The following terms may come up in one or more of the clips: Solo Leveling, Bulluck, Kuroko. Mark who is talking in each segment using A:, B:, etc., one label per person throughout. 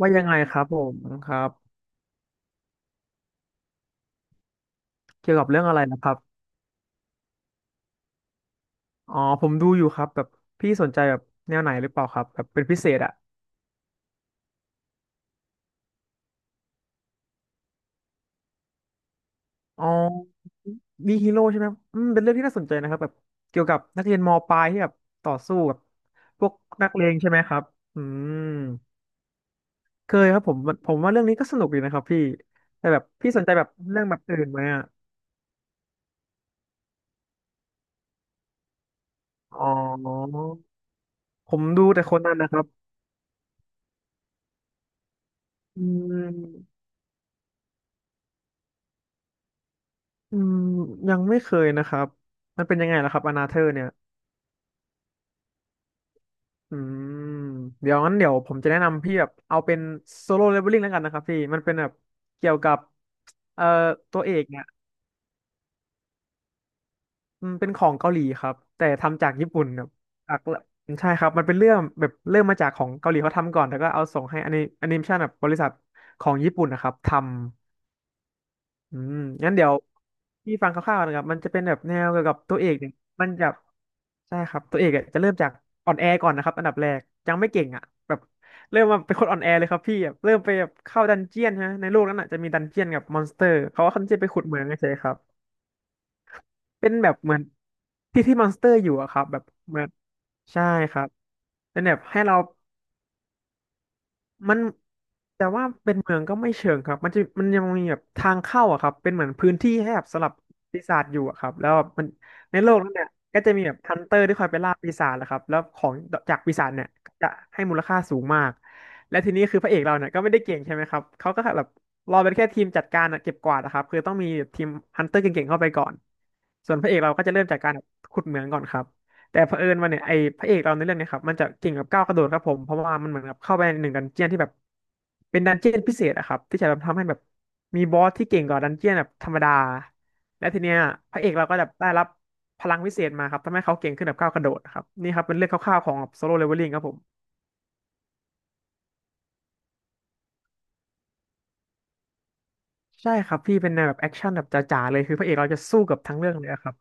A: ว่ายังไงครับผมครับเกี่ยวกับเรื่องอะไรนะครับอ๋อผมดูอยู่ครับแบบพี่สนใจแบบแนวไหนหรือเปล่าครับแบบเป็นพิเศษอ่ะอ๋อมีฮีโร่ใช่ไหมอืมเป็นเรื่องที่น่าสนใจนะครับแบบเกี่ยวกับนักเรียนมปลายที่แบบต่อสู้กับพวกนักเลงใช่ไหมครับอืมเคยครับผมมันผมว่าเรื่องนี้ก็สนุกดีนะครับพี่แต่แบบพี่สนใจแบบเรื่องแบบอื่นไหมอ่ะอ๋อผมดูแต่คนนั้นนะครับอืมอืมยังไม่เคยนะครับมันเป็นยังไงล่ะครับอนาเธอร์เนี่ย อืมเดี๋ยวงั้นเดี๋ยวผมจะแนะนำพี่แบบเอาเป็นโซโล่เลเวลลิ่งแล้วกันนะครับพี่มันเป็นแบบเกี่ยวกับเอ่อตัวเอกเนี่ยมันเป็นของเกาหลีครับแต่ทำจากญี่ปุ่นแบบจากใช่ครับมันเป็นเรื่องแบบเริ่มมาจากของเกาหลีเขาทำก่อนแล้วก็เอาส่งให้อนิเมชันแบบบริษัทของญี่ปุ่นนะครับทำ อืมงั้นเดี๋ยวพี่ฟังคร่าวๆนะครับมันจะเป็นแบบแนวเกี่ยวกับตัวเอกเนี่ยมันจะใช่ครับตัวเอกอะจะเริ่มจากอ่อนแอก่อนนะครับอันดับแรกยังไม่เก่งอ่ะแบบเริ่มมาเป็นคนอ่อนแอเลยครับพี่แบบเริ่มไปแบบเข้าดันเจียนใช่ไหมในโลกนั้นอ่ะจะมีดันเจียนกับมอนสเตอร์เขาว่าเขาจะไปขุดเหมืองใช่ครับเป็นแบบเหมือนที่ที่มอนสเตอร์อยู่อะครับแบบเหมือนใช่ครับเป็นแบบให้เรา มันแต่ว่าเป็นเมืองก็ไม่เชิงครับมันยังมีแบบทางเข้าอะครับเป็นเหมือนพื้นที่ให้แบบสำหรับปีศาจอยู่อะครับแล้วแบบมันในโลกนั้นเนี่ยก็จะมีแบบฮันเตอร์ที่คอยไปล่าปีศาจแหละครับแล้วของจากปีศาจเนี่ยก็จะให้มูลค่าสูงมากและทีนี้คือพระเอกเราเนี่ยก็ไม่ได้เก่งใช่ไหมครับเขาก็แบบรอเป็นแค่ทีมจัดการอะเก็บกวาดนะครับคือต้องมีทีมฮันเตอร์เก่งๆเข้าไปก่อนส่วนพระเอกเราก็จะเริ่มจากการแบบขุดเหมืองก่อนครับ แต่เผอิญว่าเนี่ยไอ้พระเอกเราในเรื่องเนี่ยครับมันจะเก่งกับก้าวกระโดดครับผมเพราะว่ามันเหมือนกับเข้าไปในหนึ่งดันเจียนที่แบบเป็นดันเจียนพิเศษอะครับที่จะแบบทำให้แบบมีบอสที่เก่งกว่าดันเจียนแบบธรรมดาและทีเนี้ยพระเอกเราก็แบบได้รับพลังพิเศษมาครับทำให้เขาเก่งขึ้นแบบก้าวกระโดดครับนี่ครับเป็นเรื่องคร่าวๆของโซโล่เลเวลลิ่งครับผมใช่ครับพี่เป็นแนวแบบแอคชั่นแบบจ๋าๆเลยคือพระเอกเราจะสู้กับทั้งเรื่องเลยอะครับ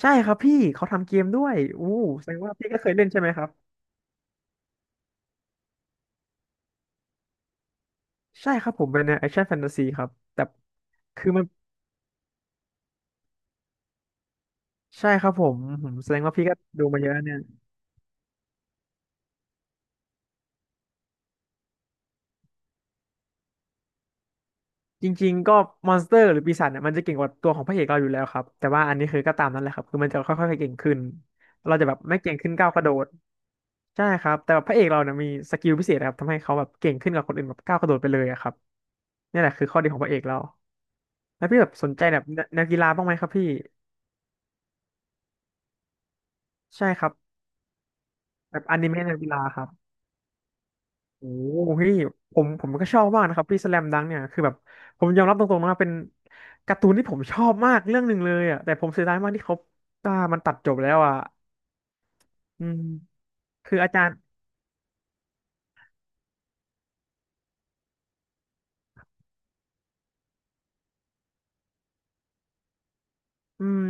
A: ใช่ครับพี่เขาทำเกมด้วยอู้แสดงว่าพี่ก็เคยเล่นใช่ไหมครับใช่ครับผมเป็นแนวแอคชั่นแฟนตาซีครับแต่คือมัน ใช่ครับผมแสดงว่าพี่ก็ดูมาเยอะเนี่ยจริงๆก็มอนสเตอร์หรือปีศาจเนี่ยมันจะเก่งกว่าตัวของพระเอกเราอยู่แล้วครับแต่ว่าอันนี้คือก็ตามนั้นแหละครับคือมันจะค่อยๆเก่งขึ้นเราจะแบบไม่เก่งขึ้นก้าวกระโดดใช่ครับแต่ว่าพระเอกเราเนี่ยมีสกิลพิเศษครับทำให้เขาแบบเก่งขึ้นกว่าคนอื่นแบบก้าวกระโดดไปเลยอะครับนี่แหละคือข้อดีของพระเอกเราแล้วพี่แบบสนใจแบบแนวกีฬาบ้างไหมครับพี่ใช่ครับแบบอนิเมะแนวกีฬาครับ โอ้พี่ผมผมก็ชอบมากนะครับพี่สแลมดังเนี่ยคือแบบผมยอมรับตรงๆนะเป็นการ์ตูนที่ผมชอบมากเรื่องหนึ่งเลยอ่ะแต่ผมเสียดายมากที่เขามันตัดจบแล้วอ่ะอืมคืออาจารย์อืม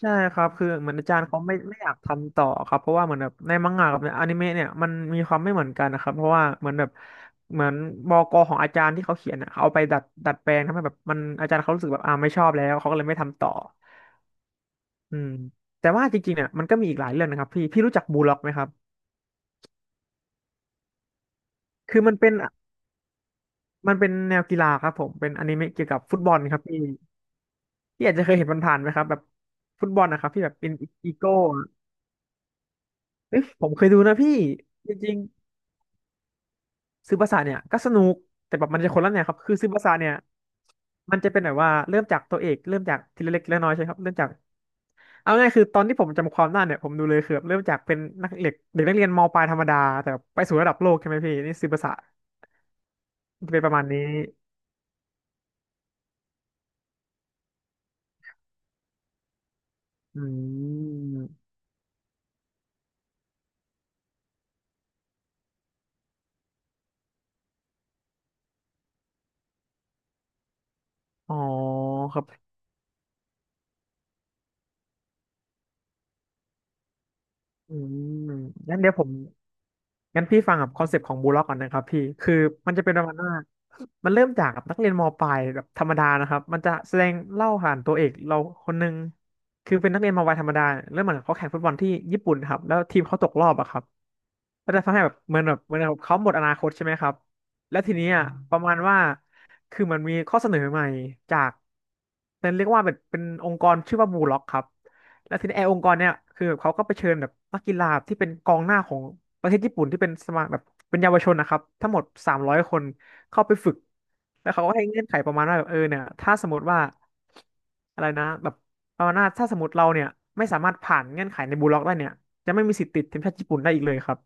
A: ใช่ครับคือเหมือนอาจารย์เขาไม่อยากทำต่อครับเพราะว่าเหมือนแบบในมังงะกับในอนิเมะเนี่ยมันมีความไม่เหมือนกันนะครับเพราะว่าเหมือนแบบเหมือนบกของอาจารย์ที่เขาเขียนอ่ะเขาเอาไปดัดแปลงทำให้แบบมันอาจารย์เขารู้สึกแบบไม่ชอบแล้วเขาก็เลยไม่ทำต่อ อืมแต่ว่าจริงๆเนี่ยมันก็มีอีกหลายเรื่องนะครับพี่ พี่รู้จักบูลล็อกไหมครับ คือมันเป็นแนวกีฬาครับผม เป็นอนิเมะเกี่ยวกับฟุตบอลครับพี่พี่อาจจะเคยเห็นผ่านๆไหมครับแบบฟุตบอลนะครับที่แบบเป็นอีโก้เอ้ยผมเคยดูนะพี่จริงๆซื้อภาษาเนี่ยก็สนุกแต่แบบมันจะคนละแนวครับคือซื้อภาษาเนี่ยมันจะเป็นแบบว่าเริ่มจากตัวเอกเริ่มจากทีละเล็กทีละน้อยใช่ไหมครับเริ่มจากเอาง่ายคือตอนที่ผมจำความได้เนี่ยผมดูเลยคือแบบเริ่มจากเป็นนักเด็กเด็กนักเรียนมปลายธรรมดาแต่ไปสู่ระดับโลกใช่ไหมพี่นี่ซื้อภาษา เป็นประมาณนี้อืมอ๋อครับอืมงั้นเดี๋ยวผม งั้นพี่ฟังกับคอนเซปต์ของบูล็อกก่อนนะครับพี่คือมันจะเป็นประมาณว่ามันเริ่มจากนักเรียนมปลายแบบธรรมดานะครับมันจะแสดงเล่าผ่านตัวเอกเราคนหนึ่งคือเป็นนักเรียนมปลายธรรมดาเริ่มเหมือนเขาแข่งฟุตบอลที่ญี่ปุ่นครับแล้วทีมเขาตกรอบอะครับก็จะทำให้แบบเหมือนแบบเขาหมดอนาคตใช่ไหมครับแล้วทีนี้อะประมาณว่าคือมันมีข้อเสนอใหม่จากเป็นเรียกว่าเป็นองค์กรชื่อว่าบูล็อกครับ แล้วทีนี้ไอ้องค์กรเนี่ยคือแบบเขาก็ไปเชิญแบบนักกีฬาที่เป็นกองหน้าของประเทศญี่ปุ่นที่เป็นสมาแบบเป็นเยาวชนนะครับทั้งหมด300คนเข้าไปฝึกแล้วเขาก็ให้เงื่อนไขประมาณว่าแบบเนี่ยถ้าสมมติว่าอะไรนะแบบประมาณว่าถ้าสมมติเราเนี่ยไม่สามารถผ่านเงื่อนไขในบูลล็อกได้เนี่ยจะไม่มีสิทธิ์ติดทีมชาติญี่ปุ่นได้อีกเลยครับ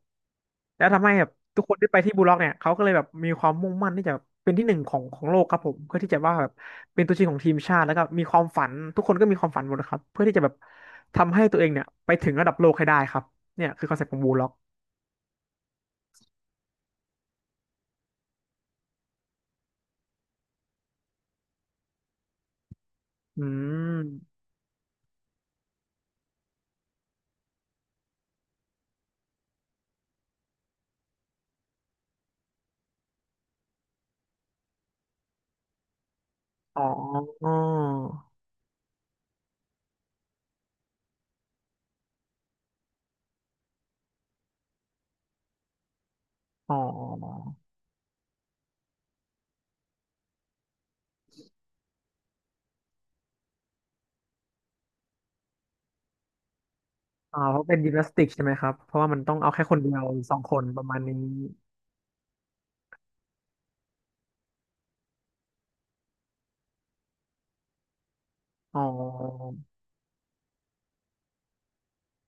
A: แล้วทำให้แบบทุกคนที่ไปที่บูล็อกเนี่ยเขาก็เลยแบบมีความมุ่งมั่นที่จะเป็นที่หนึ่งของโลกครับผมเพื่อที่จะว่าแบบเป็นตัวจริงของทีมชาติแล้วก็มีความฝันทุกคนก็มีความฝันหมดนะครับเพื่อที่จะแบบทำให้ตัวเองเนี่ยไปถึงระดับโลกให้ได้ครับเนี่ยคือคอนเซ็ปต์ของบูลล็อกอืมอ๋ออ๋ออ๋ออ๋อเพราะเป็นยิมนาสติกใช่ไหมครับเพราะว่ามันต้องเอาแค่คนเดียวหรือสองคนประมาณนี้อ๋อ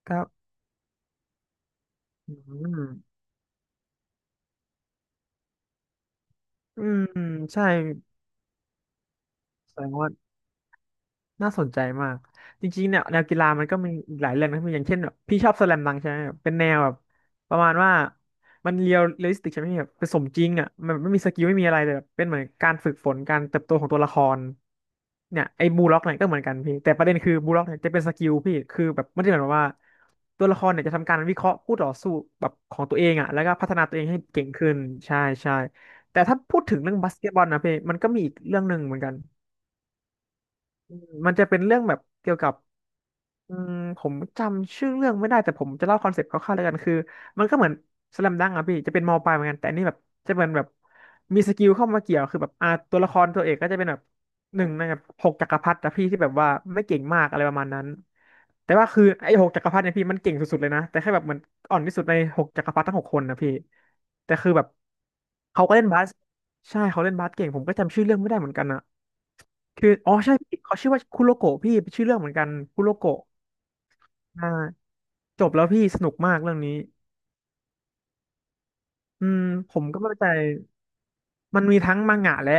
A: ครับอืมอืมใช่แสดงว่า น่าสนใจมากจริงๆเนี่ยแนวกีฬามันก็มีอีกหลายเรื่องนะพี่อย่างเช่นแบบพี่ชอบสแลมดังก์ใช่ไหมแบบเป็นแนวแบบประมาณว่ามันเรียลลิสติกใช่ไหมพี่แบบเป็นสมจริงอ่ะมันไม่มีสกิลไม่มีอะไรเลยแบบเป็นเหมือนการฝึกฝนการเติบโตของตัวละครเนี่ยไอ้บูล็อกเนี่ยก็เหมือนกันพี่แต่ประเด็นคือบูล็อกเนี่ยจะเป็นสกิลพี่คือแบบไม่ได้หมายความว่าตัวละครเนี่ยจะทำการวิเคราะห์คู่ต่อสู้แบบของตัวเองอ่ะแล้วก็พัฒนาตัวเองให้เก่งขึ้นใช่ใช่แต่ถ้าพูดถึงเรื่องบาสเกตบอลนะพี่มันก็มีอีกเรื่องหนึ่งเหมือนกัน อืมมันจะเป็นเรื่องแบบเกี่ยวกับอืมผมจำชื่อเรื่องไม่ได้แต่ผมจะเล่าคอนเซ็ปต์คร่าวๆแล้วกันคือมันก็เหมือนสแลมดังก์อะพี่จะเป็นมอปลายเหมือนกันแต่อันนี่แบบจะเป็นแบบมีสกิลเข้ามาเกี่ยวคือแบบตัวละครตัวเอกก็จะเป็นแบบหนึ่งในแบบหกจักรพรรดิอะพี่ที่แบบว่าไม่เก่งมากอะไรประมาณนั้นแต่ว่าคือไอ้หกจักรพรรดิเนี่ยพี่มันเก่งสุดๆเลยนะแต่แค่แบบเหมือนอ่อนที่สุดในหกจักรพรรดิทั้งหกคนนะพี่แต่คือแบบเขาก็เล่นบาส ใช่เขาเล่นบาสเก่งผมก็จำชื่อเรื่องไม่ได้เหมือนกันอะคืออ๋อใช่พี่เขาชื่อว่าคุโรโกะพี่เป็นชื่อเรื่องเหมือนกันคุโรโกะอ่าจบแล้วพี่สนุกมากเรื่องนี้อืมผมก็ไม่เข้าใจ มันมีทั้งมังงะและ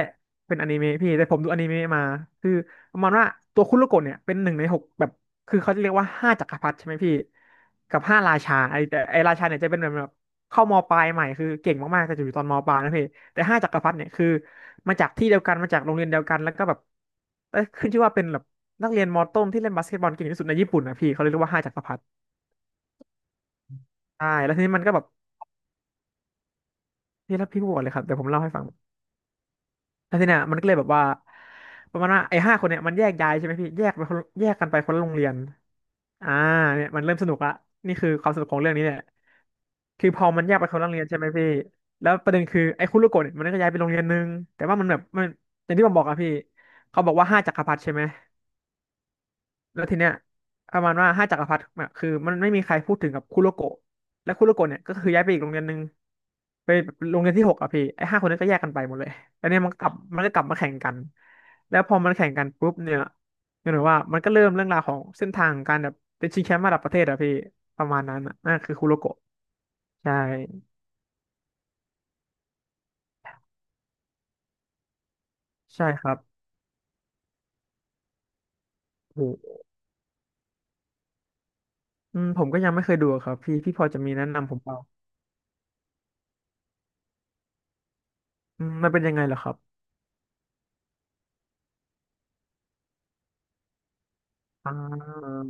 A: เป็นอนิเมะพี่แต่ผมดูอนิเมะมาคือประมาณว่าตัวคุโรโกะเนี่ยเป็นหนึ่งในหกแบบคือเขาจะเรียกว่าห้าจักรพรรดิใช่ไหมพี่กับห้าราชาไอ้แต่ไอ้ราชาเนี่ยจะเป็นแบบเข้ามปลายใหม่คือเก่งมากๆแต่อยู่ตอนมปลายนะพี่แต่ห้าจักรพรรดิเนี่ยคือมาจากที่เดียวกันมาจากโรงเรียนเดียวกันแล้วก็แบบเอ้ยขึ้นชื่อว่าเป็นแบบนักเรียนมต้นที่เล่นบาสเกตบอลเก่งที่สุดในญี่ปุ่นนะพี่เขาเลยเรียกว่าห้าจักรพรรดิใช่แล้วทีนี้มันก็แบบพี่ถ้าพี่พูดก่อนเลยครับเดี๋ยวผมเล่าให้ฟัง แล้วทีเนี้ยมันก็เลยแบบว่าประมาณว่าไอ้ห้าคนเนี่ยมันแยกย้ายใช่ไหมพี่แยกไปคนแยกกันไปคนละโรงเรียนอ่าเนี่ยมันเริ่มสนุกละนี่คือความสนุกของเรื่องนี้เนี่ยคือพอมันแยกไปคนละโรงเรียนใช่ไหมพี่แล้วประเด็นคือไอ้คุรุโกะเนี่ยมันก็ย้ายไปโรงเรียนนึงแต่ว่ามันแบบมันอย่างที่ผมบอกอะพี่เขาบอกว่าห้าจักรพรรดิใช่ไหม แล้วทีเนี้ยประมาณว่าห้าจักรพรรดิอะคือมันไม่มีใครพูดถึงกับคุโรโกะและคุโรโกะเนี่ยก็คือย้ายไปอีกโรงเรียนหนึ่งไปโรงเรียนที่หกอะพี่ไอ้ห้าคนนั้นก็แยกกันไปหมดเลยแล้วเนี่ยมันก็กลับมาแข่งกันแล้วพอมันแข่งกันปุ๊บเนี่ยก็เหมือนว่ามันก็เริ่มเรื่องราวของเส้นทางของการแบบเป็นชิงแชมป์ระดับประเทศอะพี่ประมาณนั้นอะนั่นคือคุโรโกะใช่ใช่ครับโหอืมผมก็ยังไม่เคยดูอะครับพี่พี่พอจะมีแนะนำผมเปล่าอืมมันเป็นยังไงเหรอครับอ่า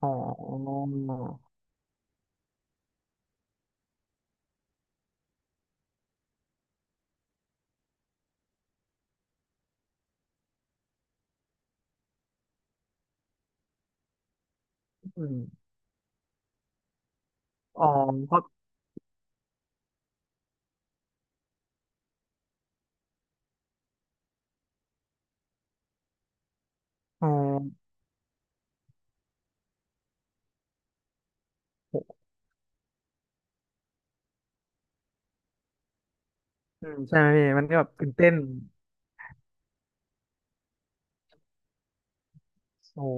A: อ๋ออืม อ๋อเพราะอ๋อโหอืมใช่ไหมพี่ มันก็แบบตื่นเต้นโอ้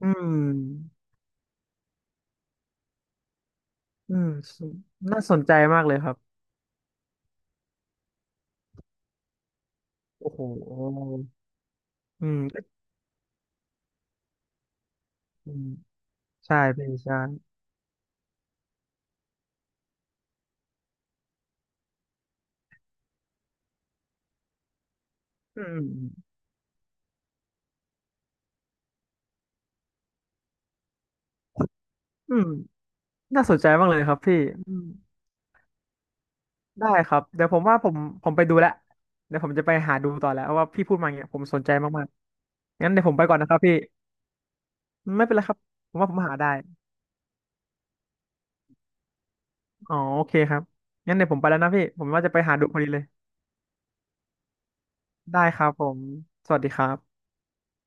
A: อืมอืมน่าสนใจมากเลยครับโอ้โหอืมก็อืมใช่พี่ใช่อืมอืมอืมน่าสนใจมากเลยครับพี่อืมได้ครับ เดี๋ยวผมว่าผมไปดูแล้วเดี๋ยวผมจะไปหาดูต่อแล้วเพราะว่าพี่พูดมาอย่างเงี้ยผมสนใจมากๆงั้นเดี๋ยวผมไปก่อนนะครับพี่ไม่เป็นไรครับผมว่าผมหาได้อ๋อโอเคครับงั้นเดี๋ยวผมไปแล้วนะพี่ ผมว่าจะไปหาดูพอดีเลย ได้ครับผม สวัสดีครับ